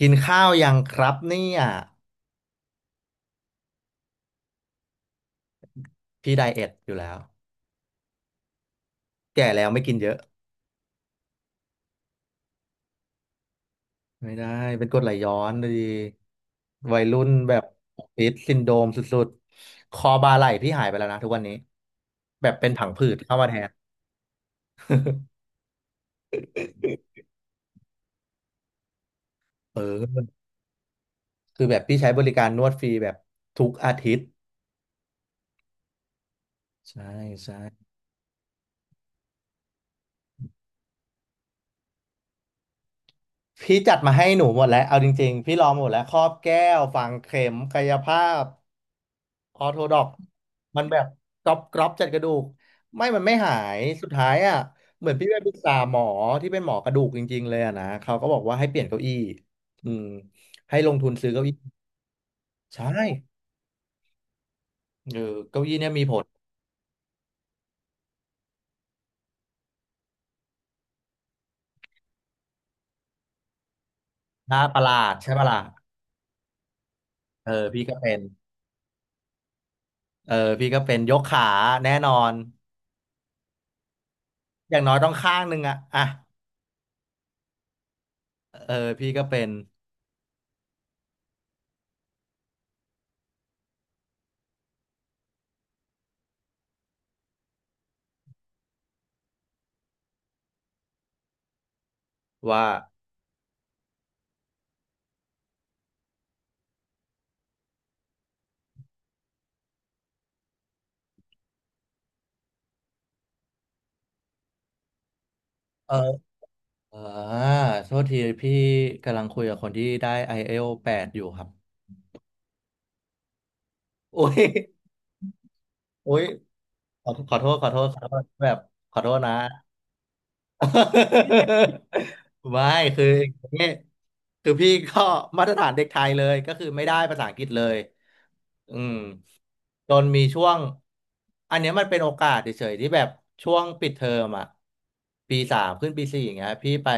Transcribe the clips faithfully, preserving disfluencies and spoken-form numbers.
กินข้าวยังครับเนี่ยพี่ไดเอทอยู่แล้วแก่แล้วไม่กินเยอะไม่ได้เป็นกรดไหลย้อนดีวัยรุ่นแบบฟิตซินโดรมสุดๆคอบ่าไหล่พี่หายไปแล้วนะทุกวันนี้แบบเป็นผังผืดเข้ามาแทนเออคือแบบพี่ใช้บริการนวดฟรีแบบทุกอาทิตย์ใช่ใช่พี่จัดมาให้หนูหมดแล้วเอาจริงๆพี่ลองหมดแล้วครอบแก้วฝังเข็มกายภาพ ออร์โธดอกมันแบบกรอบกรอบจัดกระดูกไม่มันไม่หายสุดท้ายอ่ะเหมือนพี่ไปปรึกษาหมอที่เป็นหมอกระดูกจริงๆเลยอะนะเขาก็บอกว่าให้เปลี่ยนเก้าอี้อืมให้ลงทุนซื้อเก้าอี้ใช่เออเก้าอี้เนี่ยมีผลน่าประหลาดใช่ปะล่ะเออพี่ก็เป็นเออพี่ก็เป็นยกขาแน่นอนอย่างน้อยต้องข้างหนึ่งอะอ่ะเออพี่ก็เป็นว่าเอออ่าโทษทีพี่กำลังคุยกับคนที่ได้ไอ เอล แปดอยู่ครับโอ้ย อุ้ยขอขอโทษขอโทษขอโทษแบบขอโทษนะ ไม่คืออย่างนี้คือพี่ก็มาตรฐานเด็กไทยเลยก็คือไม่ได้ภาษาอังกฤษเลยอืมจนมีช่วงอันเนี้ยมันเป็นโอกาสเฉยๆที่แบบช่วงปิดเทอมอ่ะปีสามขึ้นปีสี่อย่างเงี้ยพี่ไป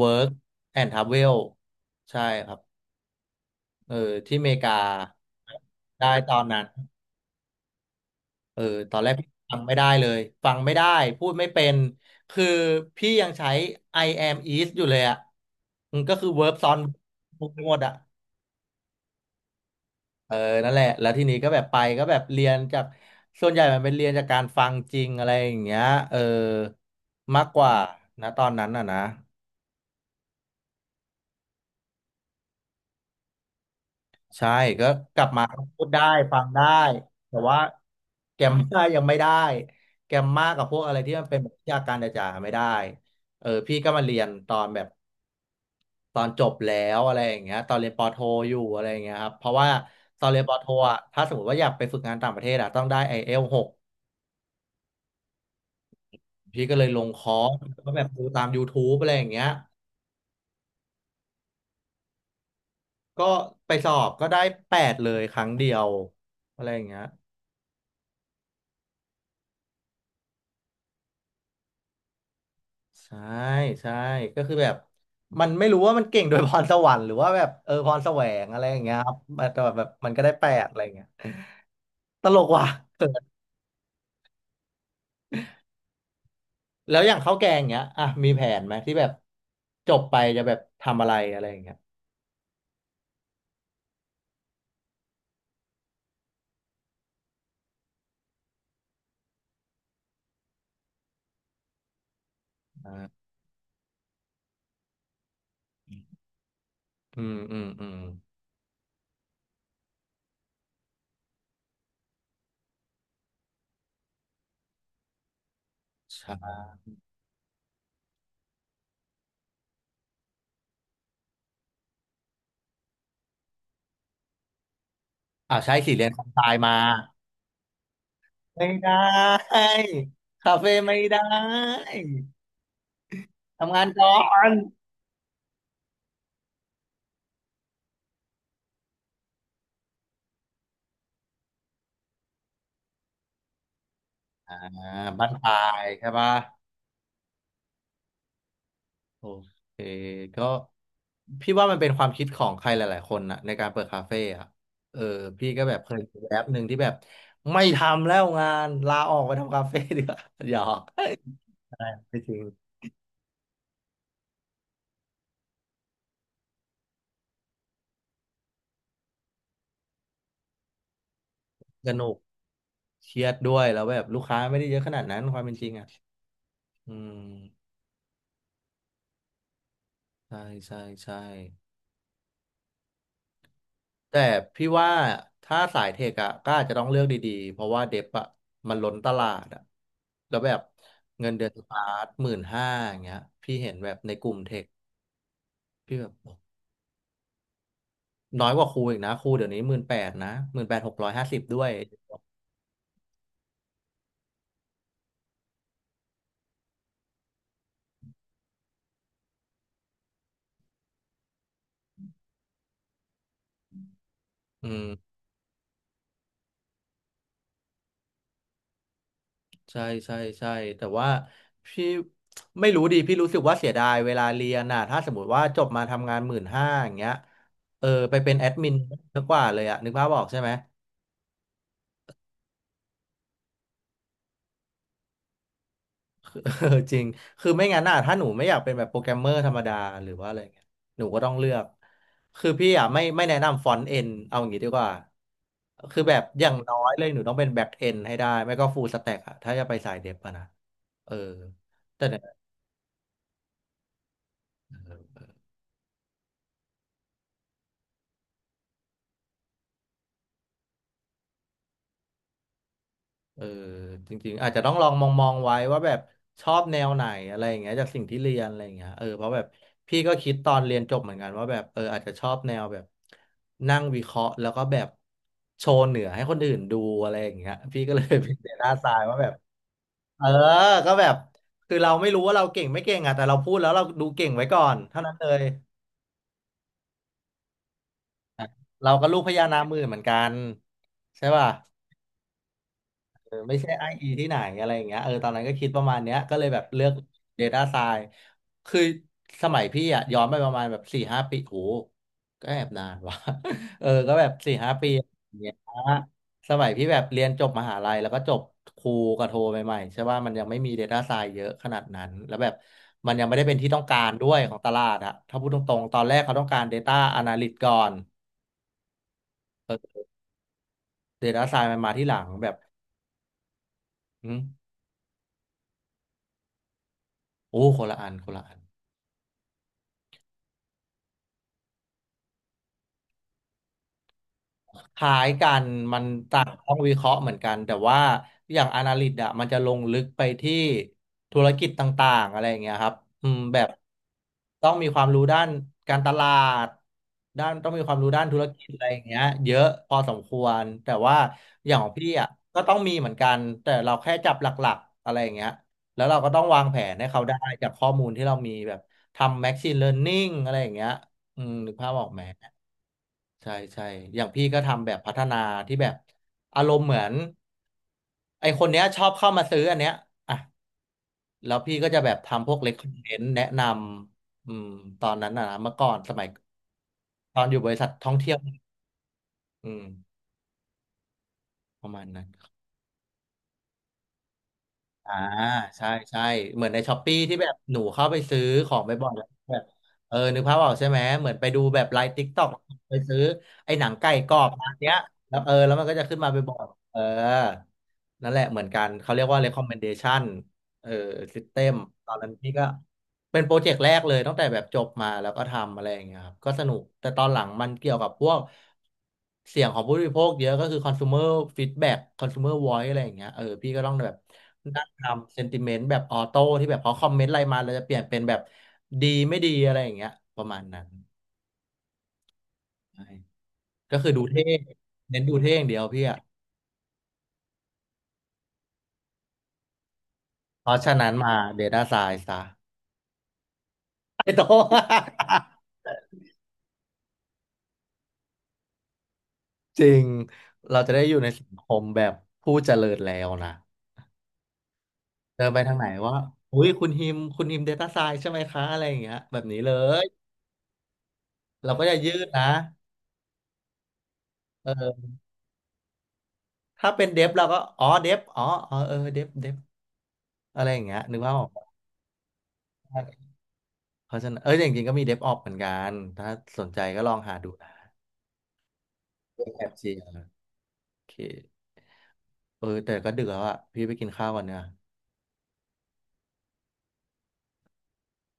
work and travel ใช่ครับเออที่อเมริกาได้ตอนนั้น เออตอนแรกพี่ฟังไม่ได้เลย ฟังไม่ได้พูดไม่เป็นคือพี่ยังใช้ I am is อยู่เลยอ่ะอืมก็คือ verb ซ้อน verb ไปหมดอ่ะเออนั่นแหละแล้วทีนี้ก็แบบไปก็แบบเรียนจากส่วนใหญ่มันเป็นเรียนจากการฟังจริงอะไรอย่างเงี้ยเออมากกว่านะตอนนั้นอ่ะนะใช่ก็กลับมาก็พูดได้ฟังได้แต่ว่าแกรมมายังไม่ได้แกรมมากับพวกอะไรที่มันเป็นแบบวิชาการจ๋าๆไม่ได้เออพี่ก็มาเรียนตอนแบบ ตอนจบแล้วอะไรอย่างเงี้ยตอนเรียนปอโทอยู่อะไรอย่างเงี้ยครับเพราะว่าตอนเรียนปอโทอ่ะถ้าสมมติว่าอยากไปฝึกงานต่างประเทศอ่ะต้องได้ไอ เอล หกพี่ก็เลยลงคอร์สก็แบบดูตาม YouTube อะไรอย่างเงี้ยก็ไปสอบก็ได้แปดเลยครั้งเดียวอะไรอย่างเงี้ยใช่ใช่ก็คือแบบมันไม่รู้ว่ามันเก่งโดยพรสวรรค์หรือว่าแบบเออพรแสวงอะไรอย่างเงี้ยครับแต่แบบมันก็ได้แปดอะไรอย่างเงี้ยตลกว่ะ แล้วอย่างข้าวแกงเงี้ยอ่ะมีแผนไหมที่แบบจบไปจะแบบทำอะไรอะไรอย่างเงี้ยอ่าอืมอืมอืมใช่อ่าใช่สิเรียนคอมไซมาไม่ได้คาเฟ่ไม่ได้ทำงานก่อนอ่าบ้านปลายใช่ปะโอเคก็พี่ว่ามันเป็นความคิดของใครหลายๆคนนะในการเปิดคาเฟ่อะเออพี่ก็แบบเคยมีแอปหนึ่งที่แบบไม่ทำแล้วงานลาออกไปทำคาเฟ่ ดีกว่าหยอกใช่ไม่จริง สนุกเครียดด้วยแล้วแบบลูกค้าไม่ได้เยอะขนาดนั้นความเป็นจริงอ่ะอืมใช่ใช่ใช่แต่พี่ว่าถ้าสายเทคอะก็อาจจะต้องเลือกดีๆเพราะว่าเดฟอะมันล้นตลาดอะแล้วแบบเงินเดือนสตาร์ทหมื่นห้าอย่างเงี้ยพี่เห็นแบบในกลุ่มเทคพี่แบบน้อยกว่าครูอีกนะครูเดี๋ยวนี้หมื่นแปดนะหมื่นแปดหกร้อยห้าสิบด้วยอืม ใช่ใช่ใช่แต่ว่าพี่ไม่รู้ดิพี่รู้สึกว่าเสียดายเวลาเรียนน่ะถ้าสมมติว่าจบมาทำงานหมื่นห้าอย่างเงี้ยเออไปเป็นแอดมินดีกว่าเลยอะนึกภาพออกใช่ไหมคือ จริงคือไม่งั้นน่ะถ้าหนูไม่อยากเป็นแบบโปรแกรมเมอร์ธรรมดาหรือว่าอะไรเงี้ยหนูก็ต้องเลือกคือพี่อะไม่ไม่แนะนำฟอนต์เอ็นเอาอย่างงี้ดีกว่าคือแบบอย่างน้อยเลยหนูต้องเป็นแบ็กเอ็นให้ได้ไม่ก็ฟูลสแต็กอะถ้าจะไปสายเดฟอะนะเออแต่เนี่ย เออจริงๆอาจจะต้องลองมองมองไว้ว่าแบบชอบแนวไหนอะไรอย่างเงี้ยจากสิ่งที่เรียนอะไรอย่างเงี้ยเออเพราะแบบพี่ก็คิดตอนเรียนจบเหมือนกันว่าแบบเอออาจจะชอบแนวแบบนั่งวิเคราะห์แล้วก็แบบโชว์เหนือให้คนอื่นดูอะไรอย่างเงี้ยพี่ก็เลยเป็นเดต้าไซน์ว่าแบบเออก็แบบคือเราไม่รู้ว่าเราเก่งไม่เก่งอะแต่เราพูดแล้วเราดูเก่งไว้ก่อนเท่านั้นเลยเราก็ลูกพญานาคหมื่นเหมือนกันใช่ป่ะ เออไม่ใช่อ้างอิงที่ไหนอะไรอย่างเงี้ยเออตอนนั้นก็คิดประมาณเนี้ยก็เลยแบบเลือก Data Science คือสมัยพี่อะย้อนไปประมาณแบบสี่ห้าปีโหก็แอบนานว่ะ เออก็แบบสี่ห้าปีอย่างเงี้ยสมัยพี่แบบเรียนจบมหาลัยแล้วก็จบครูกับโทใหม่ๆใช่ว่ามันยังไม่มี Data Science เยอะขนาดนั้นแล้วแบบมันยังไม่ได้เป็นที่ต้องการด้วยของตลาดอะถ้าพูดตรงๆตอนแรกเขาต้องการ ดาต้า อนาลิสต์ ก่อน ดาต้า ซายน์ มันมาที่หลังแบบอืมโอ้คนละอันคนละอัน คล้ายกันมันต่างต้องวิเคราะห์เหมือนกันแต่ว่าอย่างอนาลิตอะมันจะลงลึกไปที่ธุรกิจต่างๆอะไรอย่างเงี้ยครับอืมแบบต้องมีความรู้ด้านการตลาดด้านต้องมีความรู้ด้านธุรกิจอะไรอย่างเงี้ยเยอะพอสมควรแต่ว่าอย่างของพี่อะก็ต้องมีเหมือนกันแต่เราแค่จับหลักๆอะไรอย่างเงี้ยแล้วเราก็ต้องวางแผนให้เขาได้จากข้อมูลที่เรามีแบบทำ แมชชีน เลิร์นนิง อะไรอย่างเงี้ยอืมนึกภาพออกไหม ใช่ใช่อย่างพี่ก็ทำแบบพัฒนาที่แบบอารมณ์เหมือนไอคนเนี้ยชอบเข้ามาซื้ออันเนี้ยอ่ะแล้วพี่ก็จะแบบทำพวกเล็กคอนเทนต์แนะนำอืมตอนนั้นนะนะเมื่อก่อนสมัยตอนอยู่บริษัทท่องเที่ยวอืมประมาณนั้น อ่าใช่ใช่เหมือนในช้อปปี้ที่แบบหนูเข้าไปซื้อของไปบ่อยๆแล้วแบบเออนึกภาพออกใช่ไหมเหมือนไปดูแบบไลฟ์ติ๊กต็อกไปซื้อไอ้หนังไก่กรอบร้านเนี้ยแล้วเออแล้วมันก็จะขึ้นมาไปบ่อยๆเออนั่นแหละเหมือนกันเขาเรียกว่า เรคคอมเมนเดชัน เออ ซิสเต็ม ตอนนั้นพี่ก็ เป็นโปรเจกต์แรกเลยตั้งแต่แบบจบมาแล้วก็ทำอะไรอย่างเงี้ยครับก็สนุกแต่ตอนหลังมันเกี่ยวกับพวกเสียงของผู้บริโภคเยอะก็คือ คอนซูเมอร์ ฟีดแบ็ก คอนซูเมอร์ วอยซ์ อะไรอย่างเงี้ยเออพี่ก็ต้องแบบนั่งทำ เซนทิเมนต์ แบบออโต้ที่แบบเขาคอมเมนต์อะไรมาเราจะเปลี่ยนเป็นแบบดีไม่ดีอะไรอย่างเงี้ยประมาณนั้นใช่ก็คือดูเท่เน้นดูเท่อย่างเดียวพี่อะเพราะฉะนั้นมา data science ซะ ไอ้โต จริงเราจะได้อยู่ในสังคมแบบผู้เจริญแล้วนะ เดินไปทางไหนว่าอุ้ยคุณฮิมคุณฮิม Data Science ใช่ไหมคะ อะไรอย่างเงี้ยแบบนี้เลย เราก็จะยืดนะเออถ้าเป็นเดฟเราก็ อ๋อเดฟอ๋ออ๋อเออเดฟเดฟอะไรอย่างเงี้ยนึกว่าออกเพราะฉะนั้นเออจริงๆก็มีเดฟออ พี เหมือนกัน ถ้าสนใจก็ลองหาดูนะเดฟแอปจีโอเคเออแต่ก็ดึกแล้วอะพี่ไปกินข้าวก่อนเนี่ย